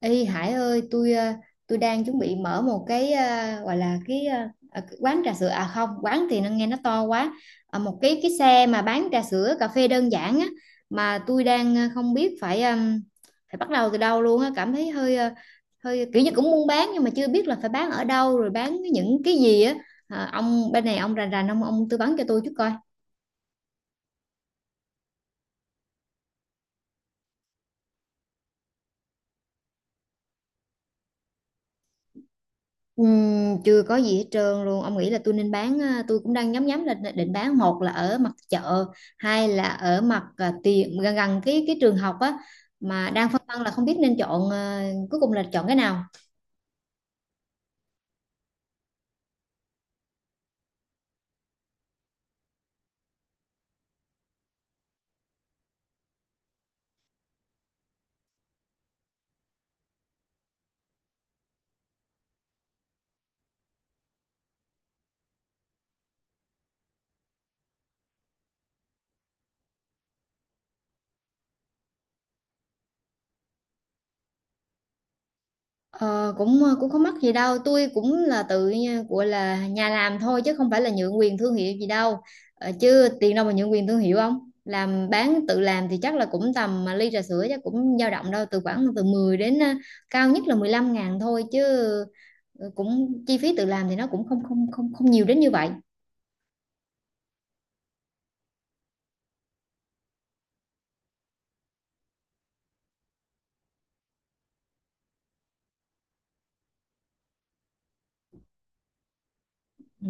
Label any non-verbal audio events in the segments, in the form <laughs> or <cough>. Ê Hải ơi, tôi đang chuẩn bị mở một cái gọi là cái quán trà sữa, à không, quán thì nó nghe nó to quá. Một cái xe mà bán trà sữa cà phê đơn giản á, mà tôi đang không biết phải phải bắt đầu từ đâu luôn á, cảm thấy hơi kiểu như cũng muốn bán nhưng mà chưa biết là phải bán ở đâu rồi bán những cái gì á. À, ông bên này ông rành rành ông tư vấn cho tôi chút coi. Chưa có gì hết trơn luôn, ông nghĩ là tôi nên bán à, tôi cũng đang nhắm nhắm là định bán, một là ở mặt chợ, hai là ở mặt à, tiền gần gần cái trường học á, mà đang phân vân là không biết nên chọn à, cuối cùng là chọn cái nào. Cũng không mắc gì đâu, tôi cũng là gọi là nhà làm thôi, chứ không phải là nhượng quyền thương hiệu gì đâu. Chứ tiền đâu mà nhượng quyền thương hiệu, không làm bán tự làm thì chắc là cũng tầm, mà ly trà sữa chắc cũng dao động đâu khoảng từ 10 đến cao nhất là 15.000 thôi chứ. Cũng chi phí tự làm thì nó cũng không không không không nhiều đến như vậy. Ừ.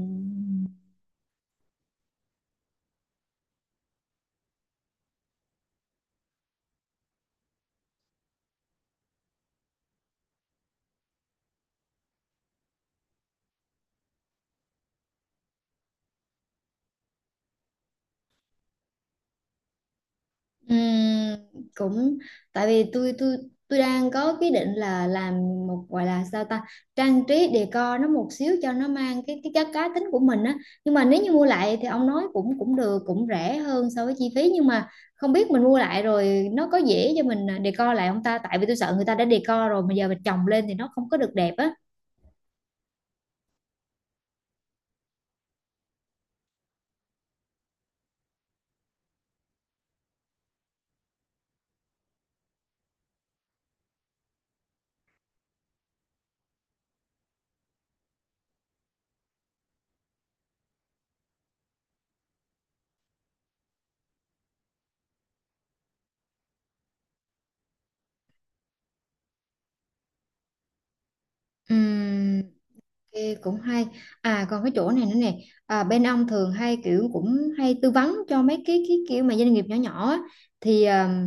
Ừm, Cũng tại vì tôi đang có cái định là làm một, gọi là sao ta, trang trí decor nó một xíu cho nó mang cái cá cá tính của mình á, nhưng mà nếu như mua lại thì ông nói cũng cũng được, cũng rẻ hơn so với chi phí, nhưng mà không biết mình mua lại rồi nó có dễ cho mình à, decor lại không ta, tại vì tôi sợ người ta đã decor rồi mà giờ mình chồng lên thì nó không có được đẹp á. Ừm, Ok, cũng hay. À còn cái chỗ này nữa nè, à, bên ông thường hay kiểu cũng hay tư vấn cho mấy cái kiểu mà doanh nghiệp nhỏ nhỏ á. Thì à,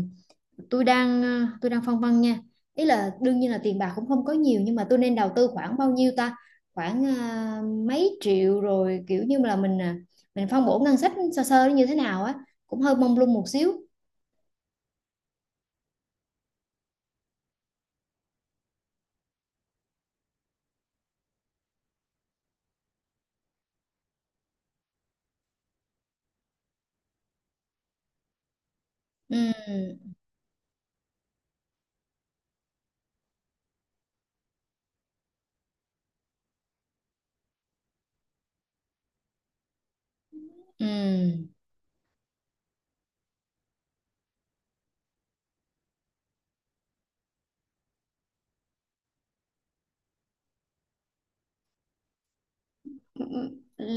tôi đang phân vân nha, ý là đương nhiên là tiền bạc cũng không có nhiều, nhưng mà tôi nên đầu tư khoảng bao nhiêu ta, khoảng mấy triệu, rồi kiểu như là mình phân bổ ngân sách sơ sơ nó như thế nào á, cũng hơi mông lung một xíu. Ừ, ừ.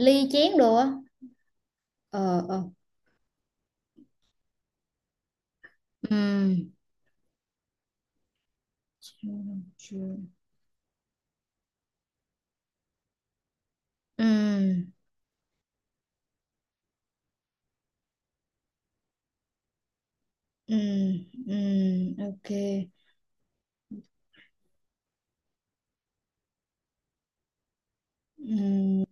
Ly chén đồ á. Ờ ờ. Ừ. Ừ. Ừ ừ, ok. Ừ.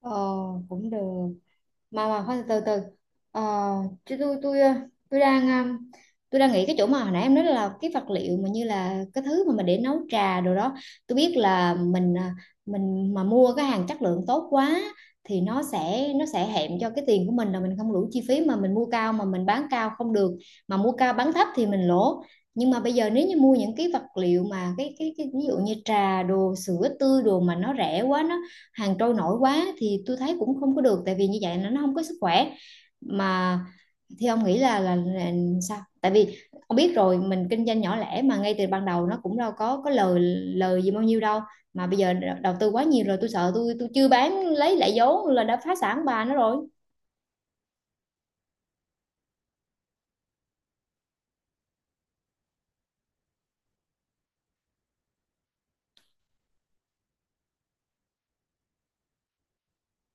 Ờ, cũng được. Mà khoan, từ từ. ờ, Chứ tôi ờ, tôi đang nghĩ cái chỗ mà hồi nãy em nói, là cái vật liệu mà như là cái thứ mà mình để nấu trà đồ đó, tôi biết là mình mà mua cái hàng chất lượng tốt quá thì nó sẽ hẹn cho cái tiền của mình, là mình không đủ chi phí, mà mình mua cao mà mình bán cao không được, mà mua cao bán thấp thì mình lỗ. Nhưng mà bây giờ nếu như mua những cái vật liệu mà cái ví dụ như trà đồ sữa tươi đồ mà nó rẻ quá, nó hàng trôi nổi quá, thì tôi thấy cũng không có được, tại vì như vậy nó không có sức khỏe mà. Thì ông nghĩ là, là sao, tại vì ông biết rồi, mình kinh doanh nhỏ lẻ mà, ngay từ ban đầu nó cũng đâu có lời lời gì bao nhiêu đâu, mà bây giờ đầu tư quá nhiều rồi, tôi sợ tôi chưa bán lấy lại vốn là đã phá sản bà nó rồi.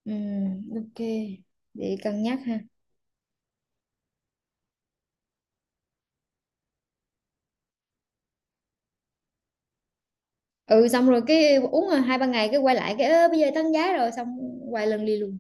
Ok, để cân nhắc ha. Ừ, xong rồi cái uống rồi hai ba ngày cái quay lại cái "Ơ, bây giờ tăng giá rồi", xong quay lần đi luôn.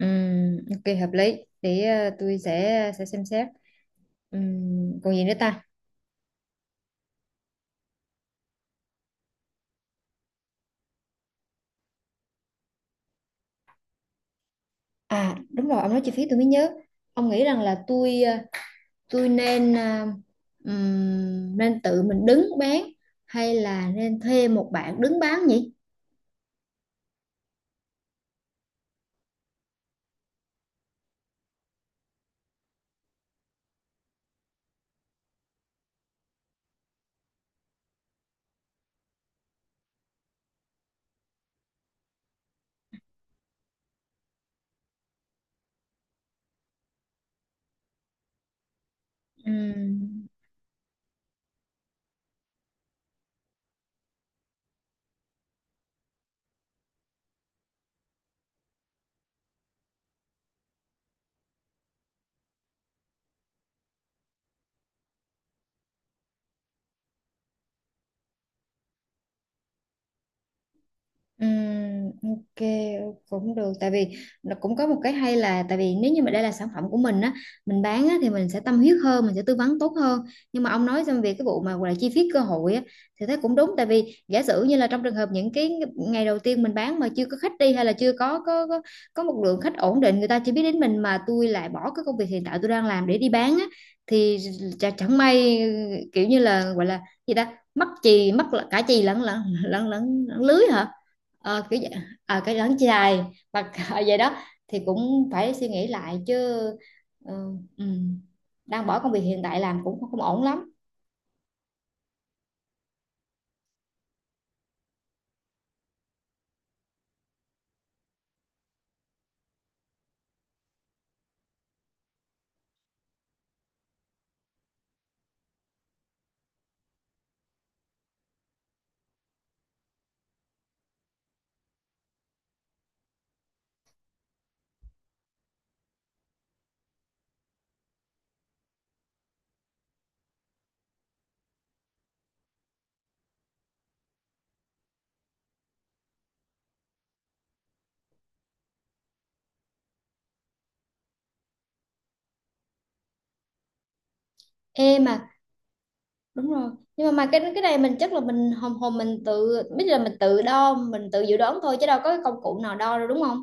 Ok, hợp lý. Để tôi sẽ xem xét. Còn gì nữa ta. À đúng rồi, ông nói chi phí tôi mới nhớ, ông nghĩ rằng là tôi nên tự mình đứng bán hay là nên thuê một bạn đứng bán nhỉ. Ừm, ok, cũng được, tại vì nó cũng có một cái hay là, tại vì nếu như mà đây là sản phẩm của mình á, mình bán á, thì mình sẽ tâm huyết hơn, mình sẽ tư vấn tốt hơn. Nhưng mà ông nói xong về cái vụ mà gọi là chi phí cơ hội á, thì thấy cũng đúng, tại vì giả sử như là trong trường hợp những cái ngày đầu tiên mình bán mà chưa có khách đi, hay là chưa có một lượng khách ổn định, người ta chỉ biết đến mình, mà tôi lại bỏ cái công việc hiện tại tôi đang làm để đi bán á, thì chẳng may, kiểu như là, gọi là gì ta, mắc chì mắc cả chì lẫn lẫn lẫn lẫn, lẫn lưới hả. Ờ, cái à, cái đấng chai mà <laughs> vậy đó. Thì cũng phải suy nghĩ lại chứ, ờ, ừ, đang bỏ công việc hiện tại làm cũng không, không ổn lắm. Em mà, đúng rồi, nhưng mà cái này mình chắc là mình hồn hồn mình tự biết, là mình tự đo mình tự dự đoán thôi, chứ đâu có cái công cụ nào đo đâu đúng không.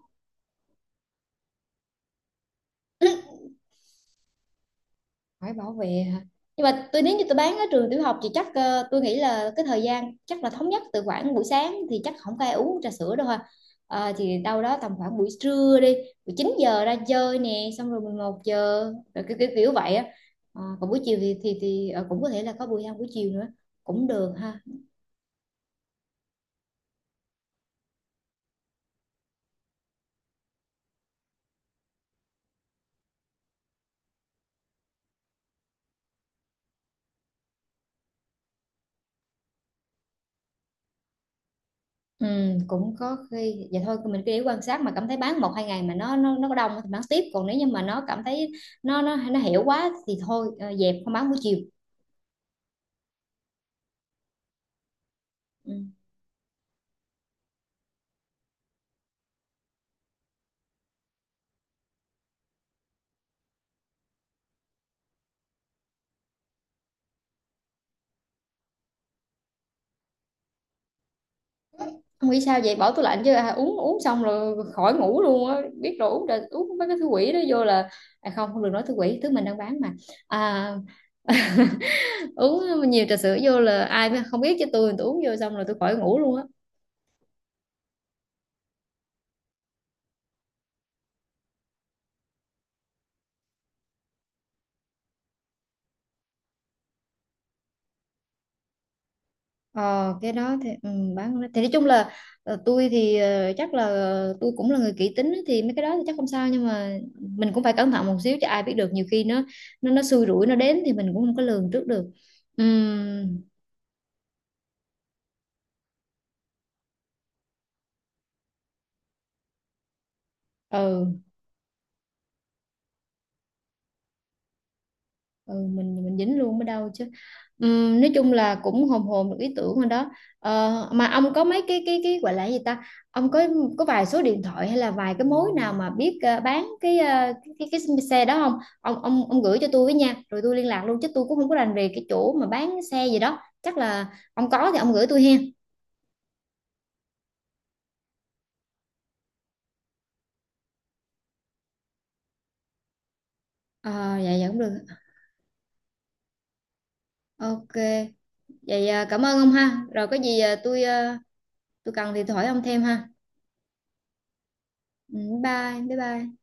Phải bảo vệ hả, nhưng mà tôi nếu như tôi bán ở trường tiểu học thì chắc tôi nghĩ là cái thời gian chắc là thống nhất, từ khoảng buổi sáng thì chắc không có ai uống trà sữa đâu ha. Ờ, thì đâu đó tầm khoảng buổi trưa đi, buổi 9 giờ ra chơi nè, xong rồi 11 giờ rồi kiểu kiểu, kiểu vậy á. Ờ, còn buổi chiều thì cũng có thể là có buổi ăn buổi chiều nữa, cũng được ha. Ừ, cũng có khi vậy thôi, mình cứ để quan sát, mà cảm thấy bán một hai ngày mà nó có đông thì bán tiếp, còn nếu như mà nó cảm thấy nó hiểu quá thì thôi, dẹp không bán buổi chiều. Ừ. Không nghĩ sao vậy, bỏ tủ lạnh chứ, à, uống uống xong rồi khỏi ngủ luôn á, biết rồi, uống rồi uống mấy cái thứ quỷ đó vô là, à, không, không được nói thứ quỷ thứ mình đang bán mà, à, <laughs> uống nhiều trà sữa vô là ai mà không biết chứ, tôi uống vô xong rồi tôi khỏi ngủ luôn á. Ờ, cái đó thì bán thì nói chung là, chắc là tôi cũng là người kỹ tính á, thì mấy cái đó thì chắc không sao, nhưng mà mình cũng phải cẩn thận một xíu chứ, ai biết được, nhiều khi nó xui rủi nó đến thì mình cũng không có lường trước được. Ừm, ừ, mình dính luôn mới đâu chứ. Nói chung là cũng hồn hồn được ý tưởng rồi đó. Ờ, mà ông có mấy cái cái gọi là cái gì ta, ông có vài số điện thoại hay là vài cái mối nào mà biết bán cái, ờ, cái xe đó không, ông ông gửi cho tôi với nha, rồi tôi liên lạc luôn chứ tôi cũng không có rành về cái chỗ mà bán xe gì đó, chắc là ông có thì ông gửi tôi hen. ờ dạ dạ, cũng được. Ok, vậy cảm ơn ông ha, rồi có gì tôi cần thì tôi hỏi ông thêm ha. Ừ, bye bye bye.